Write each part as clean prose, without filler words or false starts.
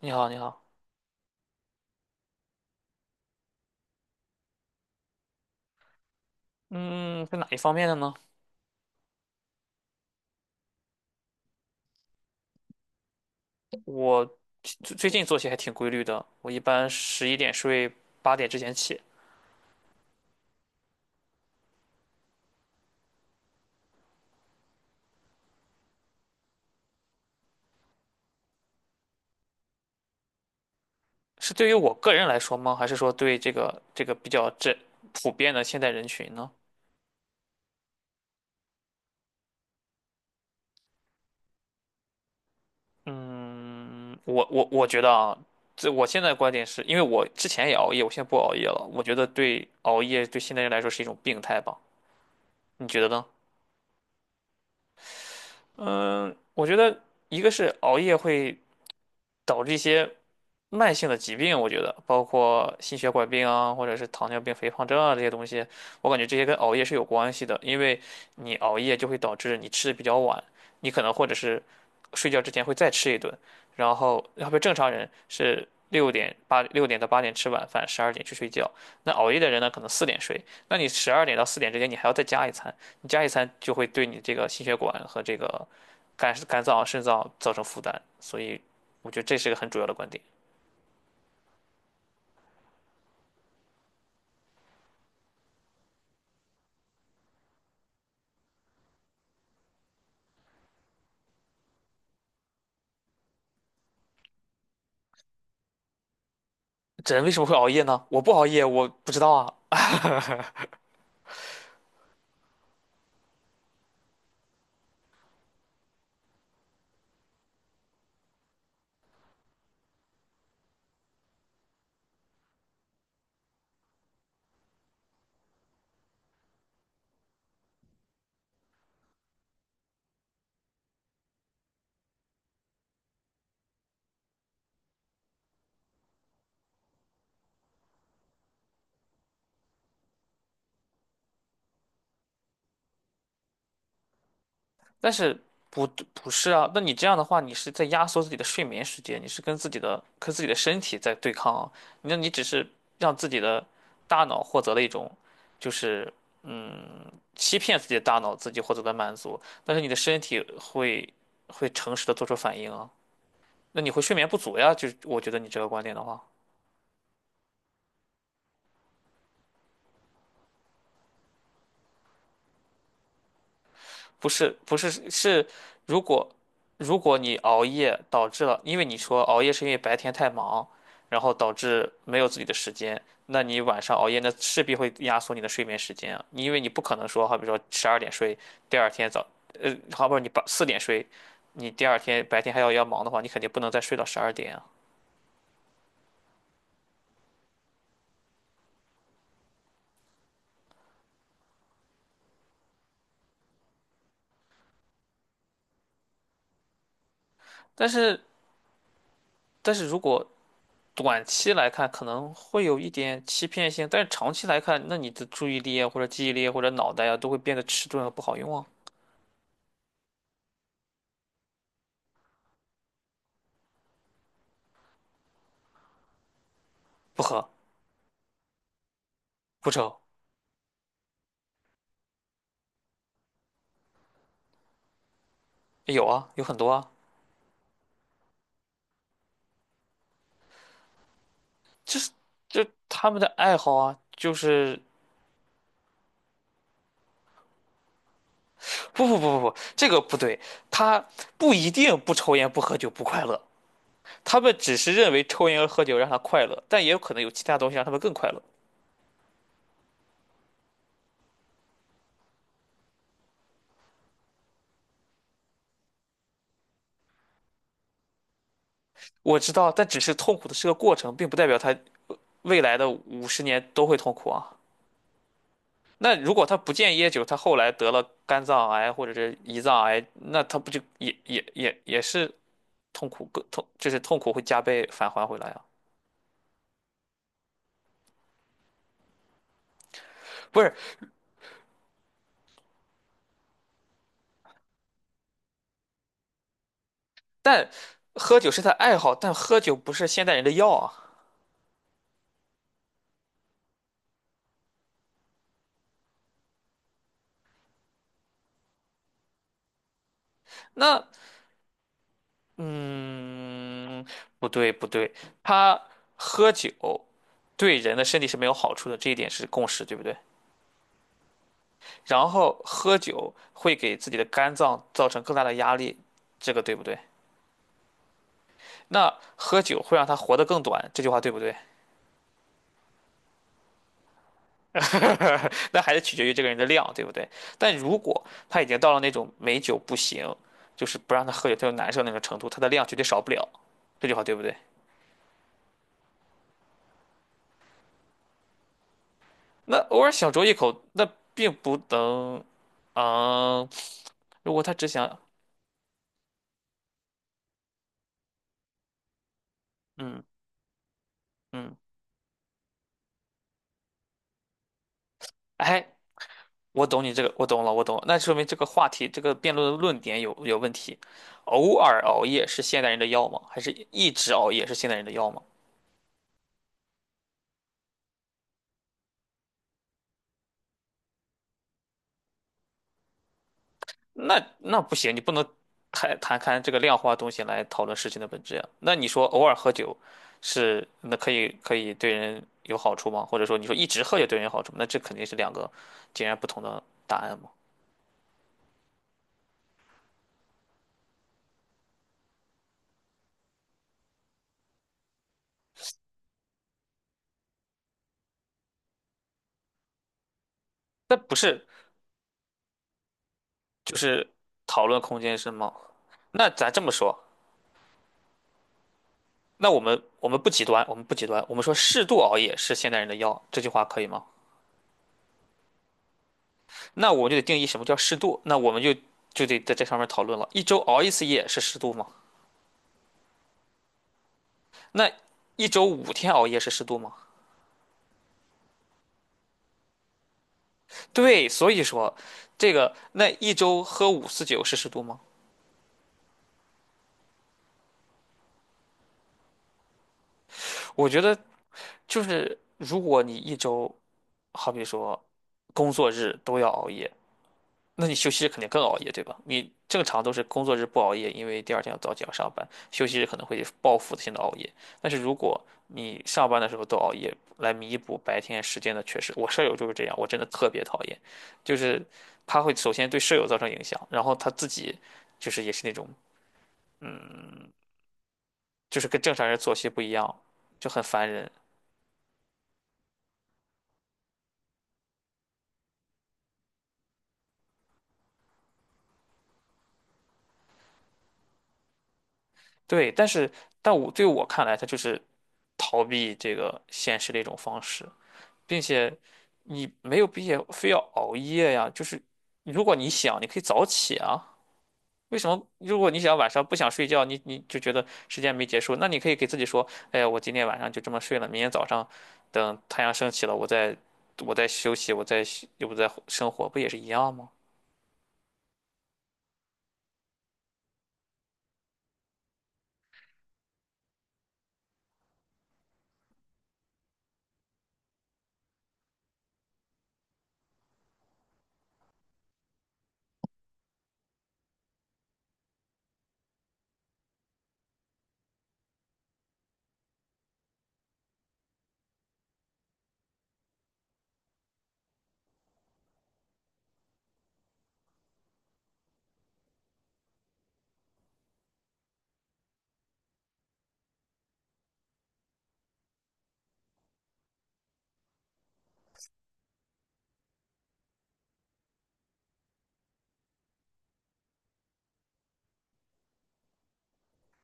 你好，你好。嗯，是哪一方面的呢？我最近作息还挺规律的，我一般11点睡，八点之前起。是对于我个人来说吗？还是说对这个比较普遍的现代人群呢？嗯，我觉得啊，这我现在的观点是因为我之前也熬夜，我现在不熬夜了。我觉得对熬夜对现代人来说是一种病态吧？你觉得呢？嗯，我觉得一个是熬夜会导致一些慢性的疾病，我觉得包括心血管病啊，或者是糖尿病、肥胖症啊这些东西，我感觉这些跟熬夜是有关系的，因为你熬夜就会导致你吃的比较晚，你可能或者是睡觉之前会再吃一顿，然后要不正常人是6点到8点吃晚饭，十二点去睡觉，那熬夜的人呢可能四点睡，那你12点到4点之间你还要再加一餐，你加一餐就会对你这个心血管和这个肝脏、肾脏造成负担，所以我觉得这是个很主要的观点。人为什么会熬夜呢？我不熬夜，我不知道啊。但是不不是啊。那你这样的话，你是在压缩自己的睡眠时间，你是跟自己的身体在对抗啊。那你只是让自己的大脑获得了一种，就是嗯，欺骗自己的大脑自己获得的满足，但是你的身体会诚实的做出反应啊。那你会睡眠不足呀？就是我觉得你这个观点的话。不是，如果你熬夜导致了，因为你说熬夜是因为白天太忙，然后导致没有自己的时间，那你晚上熬夜，那势必会压缩你的睡眠时间啊。你因为你不可能说，好比说十二点睡，第二天早，呃，好比说你四点睡，你第二天白天还要忙的话，你肯定不能再睡到十二点啊。但是如果短期来看可能会有一点欺骗性，但是长期来看，那你的注意力啊，或者记忆力啊，或者脑袋啊，都会变得迟钝和不好用啊。不喝。不抽。有啊，有很多啊。就是就他们的爱好啊，就是不不不不不，这个不对，他不一定不抽烟不喝酒不快乐，他们只是认为抽烟和喝酒让他快乐，但也有可能有其他东西让他们更快乐。我知道，但只是痛苦的是个过程，并不代表他未来的50年都会痛苦啊。那如果他不戒烟酒，他后来得了肝脏癌或者是胰脏癌，那他不就也是痛苦更痛，就是痛苦会加倍返还回来啊？不是。但喝酒是他爱好，但喝酒不是现代人的药啊。那嗯，不对不对，他喝酒对人的身体是没有好处的，这一点是共识，对不对？然后喝酒会给自己的肝脏造成更大的压力，这个对不对？那喝酒会让他活得更短，这句话对不对？那还是取决于这个人的量，对不对？但如果他已经到了那种美酒不行，就是不让他喝酒，他就难受那种程度，他的量绝对少不了，这句话对不对？那偶尔小酌一口，那并不能，嗯，如果他只想，嗯嗯，哎，我懂你这个，我懂了，我懂了，那说明这个话题，这个辩论的论点有问题。偶尔熬夜是现代人的药吗？还是一直熬夜是现代人的药吗？那不行，你不能谈谈看这个量化东西来讨论事情的本质呀。那你说偶尔喝酒可以对人有好处吗？或者说你说一直喝酒对人有好处吗？那这肯定是两个截然不同的答案嘛。那不是就是讨论空间是吗？那咱这么说，那我们不极端，我们不极端，我们说适度熬夜是现代人的药，这句话可以吗？那我们就得定义什么叫适度，那我们就得在这上面讨论了。一周熬一次夜是适度吗？那一周5天熬夜是适度吗？对，所以说，这个那一周喝5次酒是适度吗？我觉得就是，如果你一周好比说工作日都要熬夜，那你休息日肯定更熬夜，对吧？你正常都是工作日不熬夜，因为第二天要早起要上班，休息日可能会报复性的熬夜。但是如果你上班的时候都熬夜，来弥补白天时间的缺失，我舍友就是这样，我真的特别讨厌，就是他会首先对舍友造成影响，然后他自己就是也是那种就是跟正常人作息不一样，就很烦人。对，但我对我看来，他就是逃避这个现实的一种方式。并且你没有必要非要熬夜呀。就是如果你想，你可以早起啊。为什么如果你想晚上不想睡觉，你就觉得时间没结束，那你可以给自己说，哎呀，我今天晚上就这么睡了，明天早上等太阳升起了，我再休息，我再又不再生活，不也是一样吗？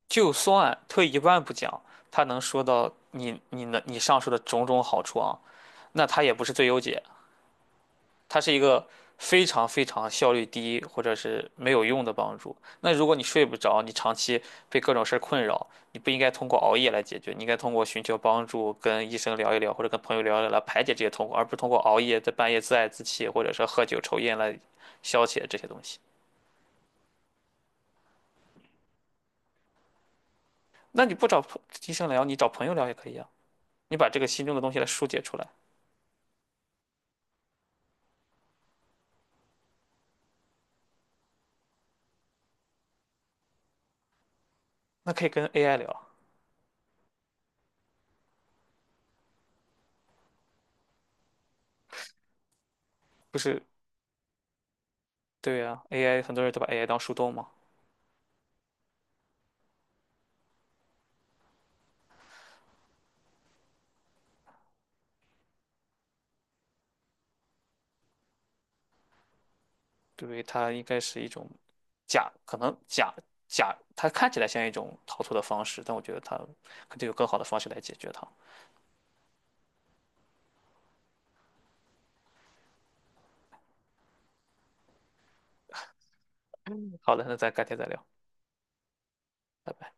就算退一万步讲，他能说到你上述的种种好处啊，那他也不是最优解。它是一个非常非常效率低或者是没有用的帮助。那如果你睡不着，你长期被各种事儿困扰，你不应该通过熬夜来解决，你应该通过寻求帮助，跟医生聊一聊，或者跟朋友聊一聊来排解这些痛苦，而不是通过熬夜在半夜自爱自弃，或者是喝酒抽烟来消解这些东西。那你不找医生聊，你找朋友聊也可以啊。你把这个心中的东西来疏解出来，那可以跟 AI 聊，不是？对呀，AI 很多人都把 AI 当树洞嘛。对，它应该是一种假,可能假，它看起来像一种逃脱的方式，但我觉得它肯定有更好的方式来解决它。好的，那咱改天再聊，拜拜。